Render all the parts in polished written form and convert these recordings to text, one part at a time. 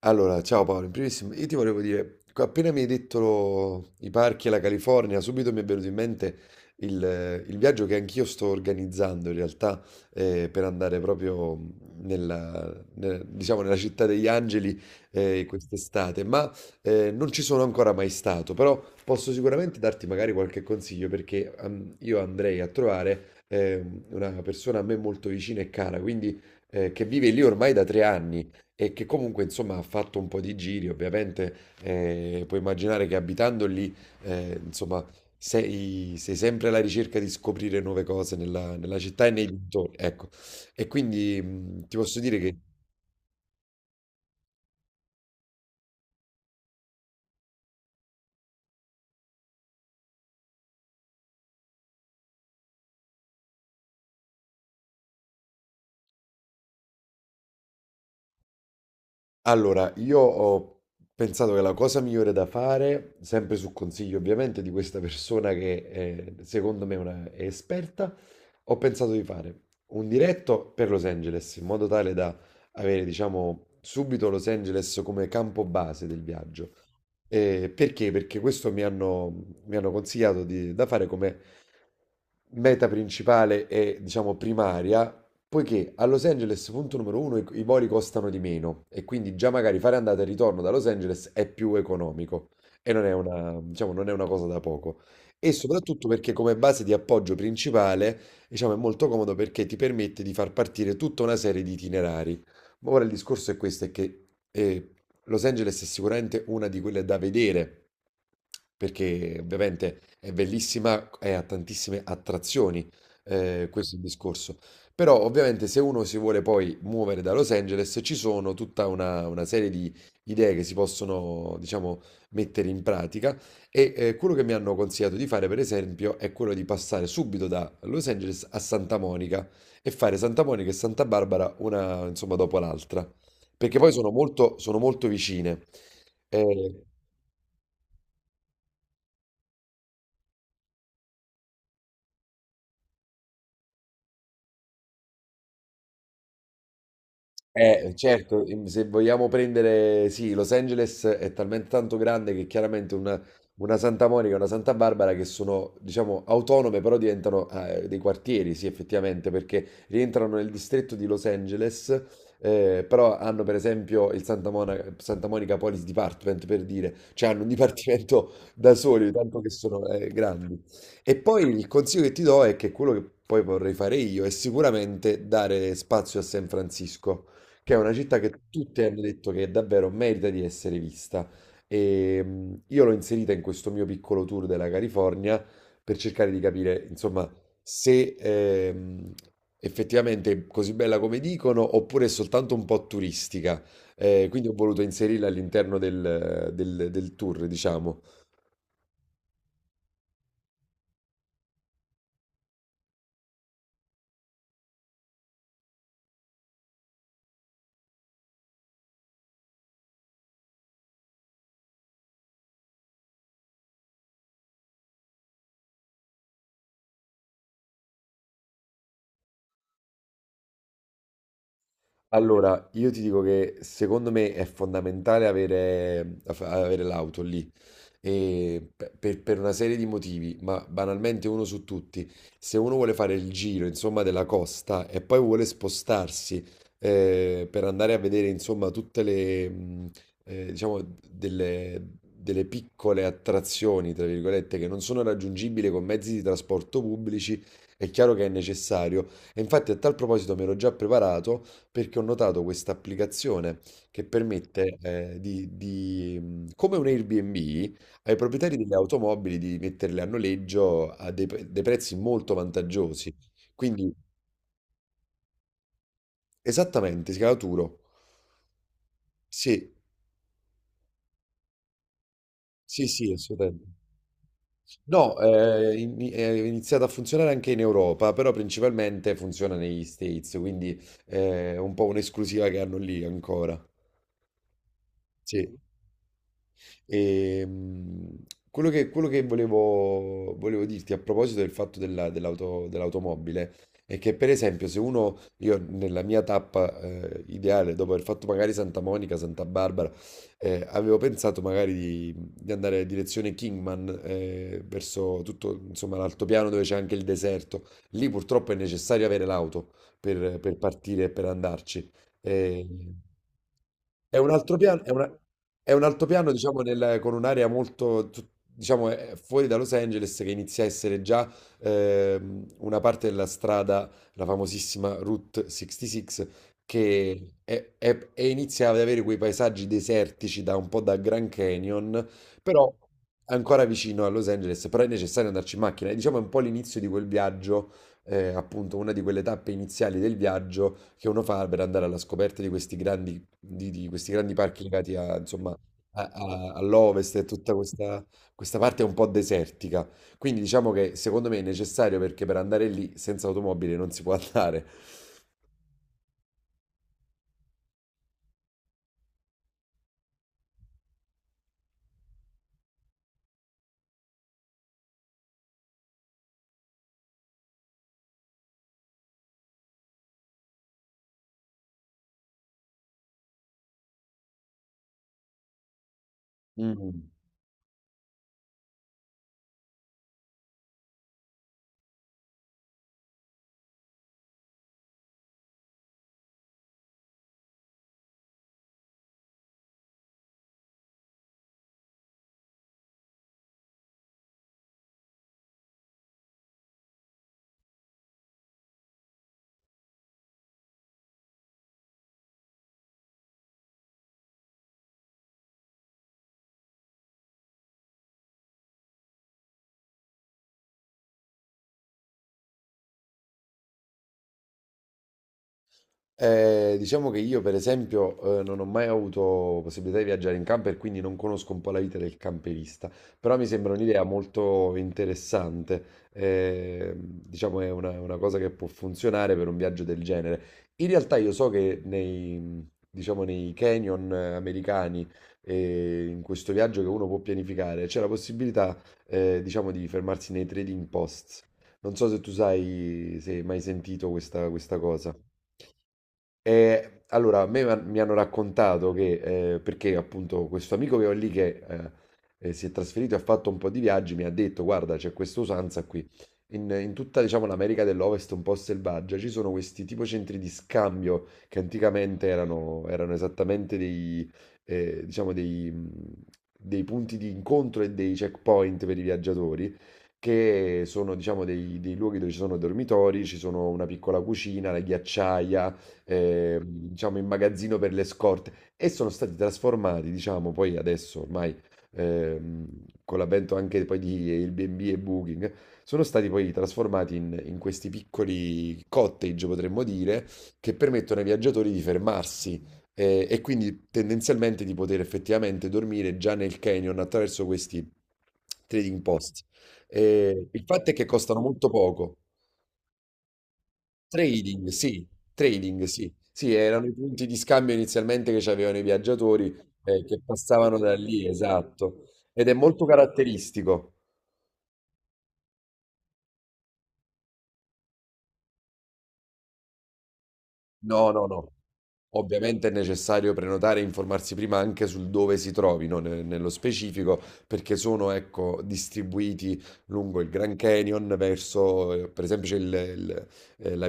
Allora, ciao Paolo, in primis io ti volevo dire, appena mi hai detto i parchi e la California, subito mi è venuto in mente il viaggio che anch'io sto organizzando in realtà per andare proprio diciamo, nella città degli angeli quest'estate, ma non ci sono ancora mai stato, però posso sicuramente darti magari qualche consiglio perché io andrei a trovare una persona a me molto vicina e cara, quindi che vive lì ormai da 3 anni e che comunque insomma ha fatto un po' di giri, ovviamente puoi immaginare che abitando lì insomma sei sempre alla ricerca di scoprire nuove cose nella città e nei dintorni, ecco. E quindi ti posso dire che. Allora, io ho pensato che la cosa migliore da fare, sempre su consiglio ovviamente di questa persona che secondo me è esperta, ho pensato di fare un diretto per Los Angeles, in modo tale da avere, diciamo, subito Los Angeles come campo base del viaggio. Perché? Perché questo mi hanno consigliato da fare come meta principale e, diciamo, primaria. Poiché a Los Angeles, punto numero uno, i voli costano di meno e quindi già magari fare andata e ritorno da Los Angeles è più economico e non è una, diciamo, non è una cosa da poco. E soprattutto perché come base di appoggio principale, diciamo, è molto comodo perché ti permette di far partire tutta una serie di itinerari. Ma ora il discorso è questo, è che Los Angeles è sicuramente una di quelle da vedere, perché ovviamente è bellissima e ha tantissime attrazioni, questo è il discorso. Però ovviamente se uno si vuole poi muovere da Los Angeles ci sono tutta una serie di idee che si possono, diciamo, mettere in pratica e quello che mi hanno consigliato di fare, per esempio, è quello di passare subito da Los Angeles a Santa Monica e fare Santa Monica e Santa Barbara una, insomma, dopo l'altra, perché poi sono molto vicine. Eh, certo, se vogliamo prendere, sì, Los Angeles è talmente tanto grande che chiaramente una Santa Monica e una Santa Barbara che sono, diciamo, autonome, però diventano dei quartieri, sì, effettivamente, perché rientrano nel distretto di Los Angeles, però hanno per esempio il Santa Monica Police Department, per dire, cioè hanno un dipartimento da soli, tanto che sono grandi. E poi il consiglio che ti do è che quello che poi vorrei fare io è sicuramente dare spazio a San Francisco che è una città che tutti hanno detto che davvero merita di essere vista. E io l'ho inserita in questo mio piccolo tour della California per cercare di capire, insomma, se effettivamente è così bella come dicono oppure è soltanto un po' turistica. Quindi ho voluto inserirla all'interno del tour, diciamo. Allora, io ti dico che secondo me è fondamentale avere, avere l'auto lì, e per una serie di motivi, ma banalmente uno su tutti, se uno vuole fare il giro, insomma, della costa e poi vuole spostarsi per andare a vedere, insomma, tutte le, diciamo, delle piccole attrazioni, tra virgolette, che non sono raggiungibili con mezzi di trasporto pubblici, è chiaro che è necessario. E infatti a tal proposito mi ero già preparato perché ho notato questa applicazione che permette come un Airbnb, ai proprietari delle automobili di metterle a noleggio a dei prezzi molto vantaggiosi. Quindi, esattamente, Scalaturo. Sì, sì, sì, assolutamente. No, è iniziato a funzionare anche in Europa, però principalmente funziona negli States, quindi è un po' un'esclusiva che hanno lì ancora. Sì. E, quello che volevo dirti a proposito del fatto dell'automobile è che, per esempio, se uno, io nella mia tappa ideale, dopo aver fatto magari Santa Monica, Santa Barbara, avevo pensato magari di andare in direzione Kingman, verso tutto, insomma, l'altopiano dove c'è anche il deserto. Lì purtroppo è necessario avere l'auto per partire e per andarci. E- è un altro piano, è un altopiano, diciamo, con un'area molto, diciamo, è fuori da Los Angeles che inizia a essere già una parte della strada, la famosissima Route 66, e inizia ad avere quei paesaggi desertici da un po' da Grand Canyon, però ancora vicino a Los Angeles, però è necessario andarci in macchina. E diciamo è un po' l'inizio di quel viaggio, appunto, una di quelle tappe iniziali del viaggio che uno fa per andare alla scoperta di di questi grandi parchi legati a, insomma, all'ovest e tutta questa, questa parte un po' desertica. Quindi diciamo che secondo me è necessario perché per andare lì senza automobile non si può andare. Mm. Diciamo che io, per esempio, non ho mai avuto possibilità di viaggiare in camper, quindi non conosco un po' la vita del camperista, però mi sembra un'idea molto interessante. Diciamo è una cosa che può funzionare per un viaggio del genere. In realtà io so che nei, diciamo, nei canyon americani, in questo viaggio che uno può pianificare, c'è la possibilità, diciamo, di fermarsi nei trading posts. Non so se tu sai, se hai mai sentito questa cosa. Allora, a me mi hanno raccontato che, perché appunto questo amico che ho lì che si è trasferito e ha fatto un po' di viaggi, mi ha detto, guarda, c'è questa usanza qui. In tutta, diciamo, l'America dell'Ovest un po' selvaggia ci sono questi tipo centri di scambio che anticamente erano esattamente dei, diciamo, dei punti di incontro e dei checkpoint per i viaggiatori. Che sono, diciamo, dei luoghi dove ci sono dormitori, ci sono una piccola cucina, la ghiacciaia, diciamo, in magazzino per le scorte e sono stati trasformati, diciamo, poi adesso ormai ehm, con l'avvento anche poi di Airbnb e Booking, sono stati poi trasformati in questi piccoli cottage, potremmo dire, che permettono ai viaggiatori di fermarsi. E, quindi tendenzialmente di poter effettivamente dormire già nel canyon attraverso questi trading post. Il fatto è che costano molto poco. Trading, sì, trading, sì. Sì, erano i punti di scambio inizialmente che c'avevano i viaggiatori che passavano da lì, esatto. Ed è molto caratteristico. No, no, no. Ovviamente è necessario prenotare e informarsi prima anche sul dove si trovino nello specifico, perché sono, ecco, distribuiti lungo il Grand Canyon, verso, per esempio, c'è il- eh, la-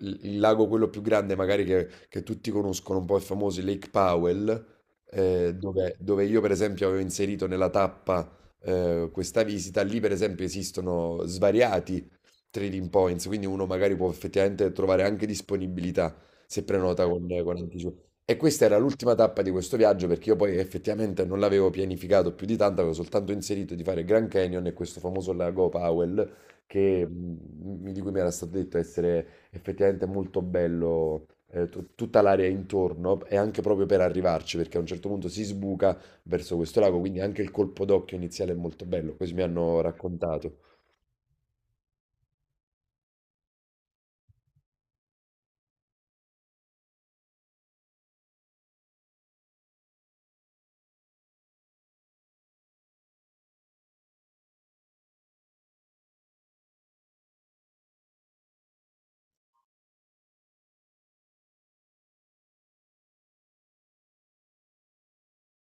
il- il lago quello più grande, magari che tutti conoscono, un po' il famoso il Lake Powell, dove io, per esempio, avevo inserito nella tappa, questa visita. Lì, per esempio, esistono svariati trading points, quindi uno magari può effettivamente trovare anche disponibilità se prenota con anticipo. E questa era l'ultima tappa di questo viaggio perché io poi effettivamente non l'avevo pianificato più di tanto, avevo soltanto inserito di fare Grand Canyon e questo famoso lago Powell di cui mi era stato detto essere effettivamente molto bello. Tutta l'area intorno e anche proprio per arrivarci perché a un certo punto si sbuca verso questo lago, quindi anche il colpo d'occhio iniziale è molto bello, così mi hanno raccontato.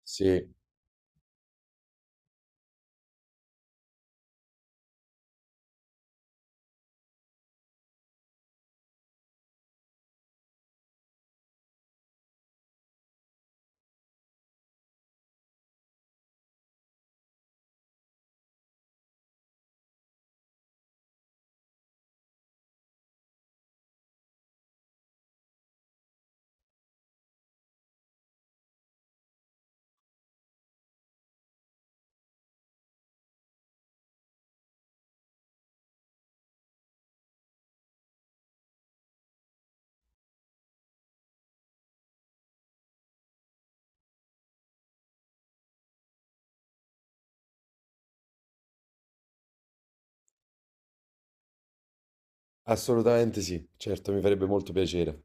Sì, assolutamente, sì, certo, mi farebbe molto piacere.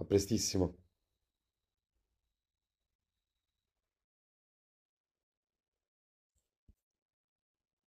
A prestissimo.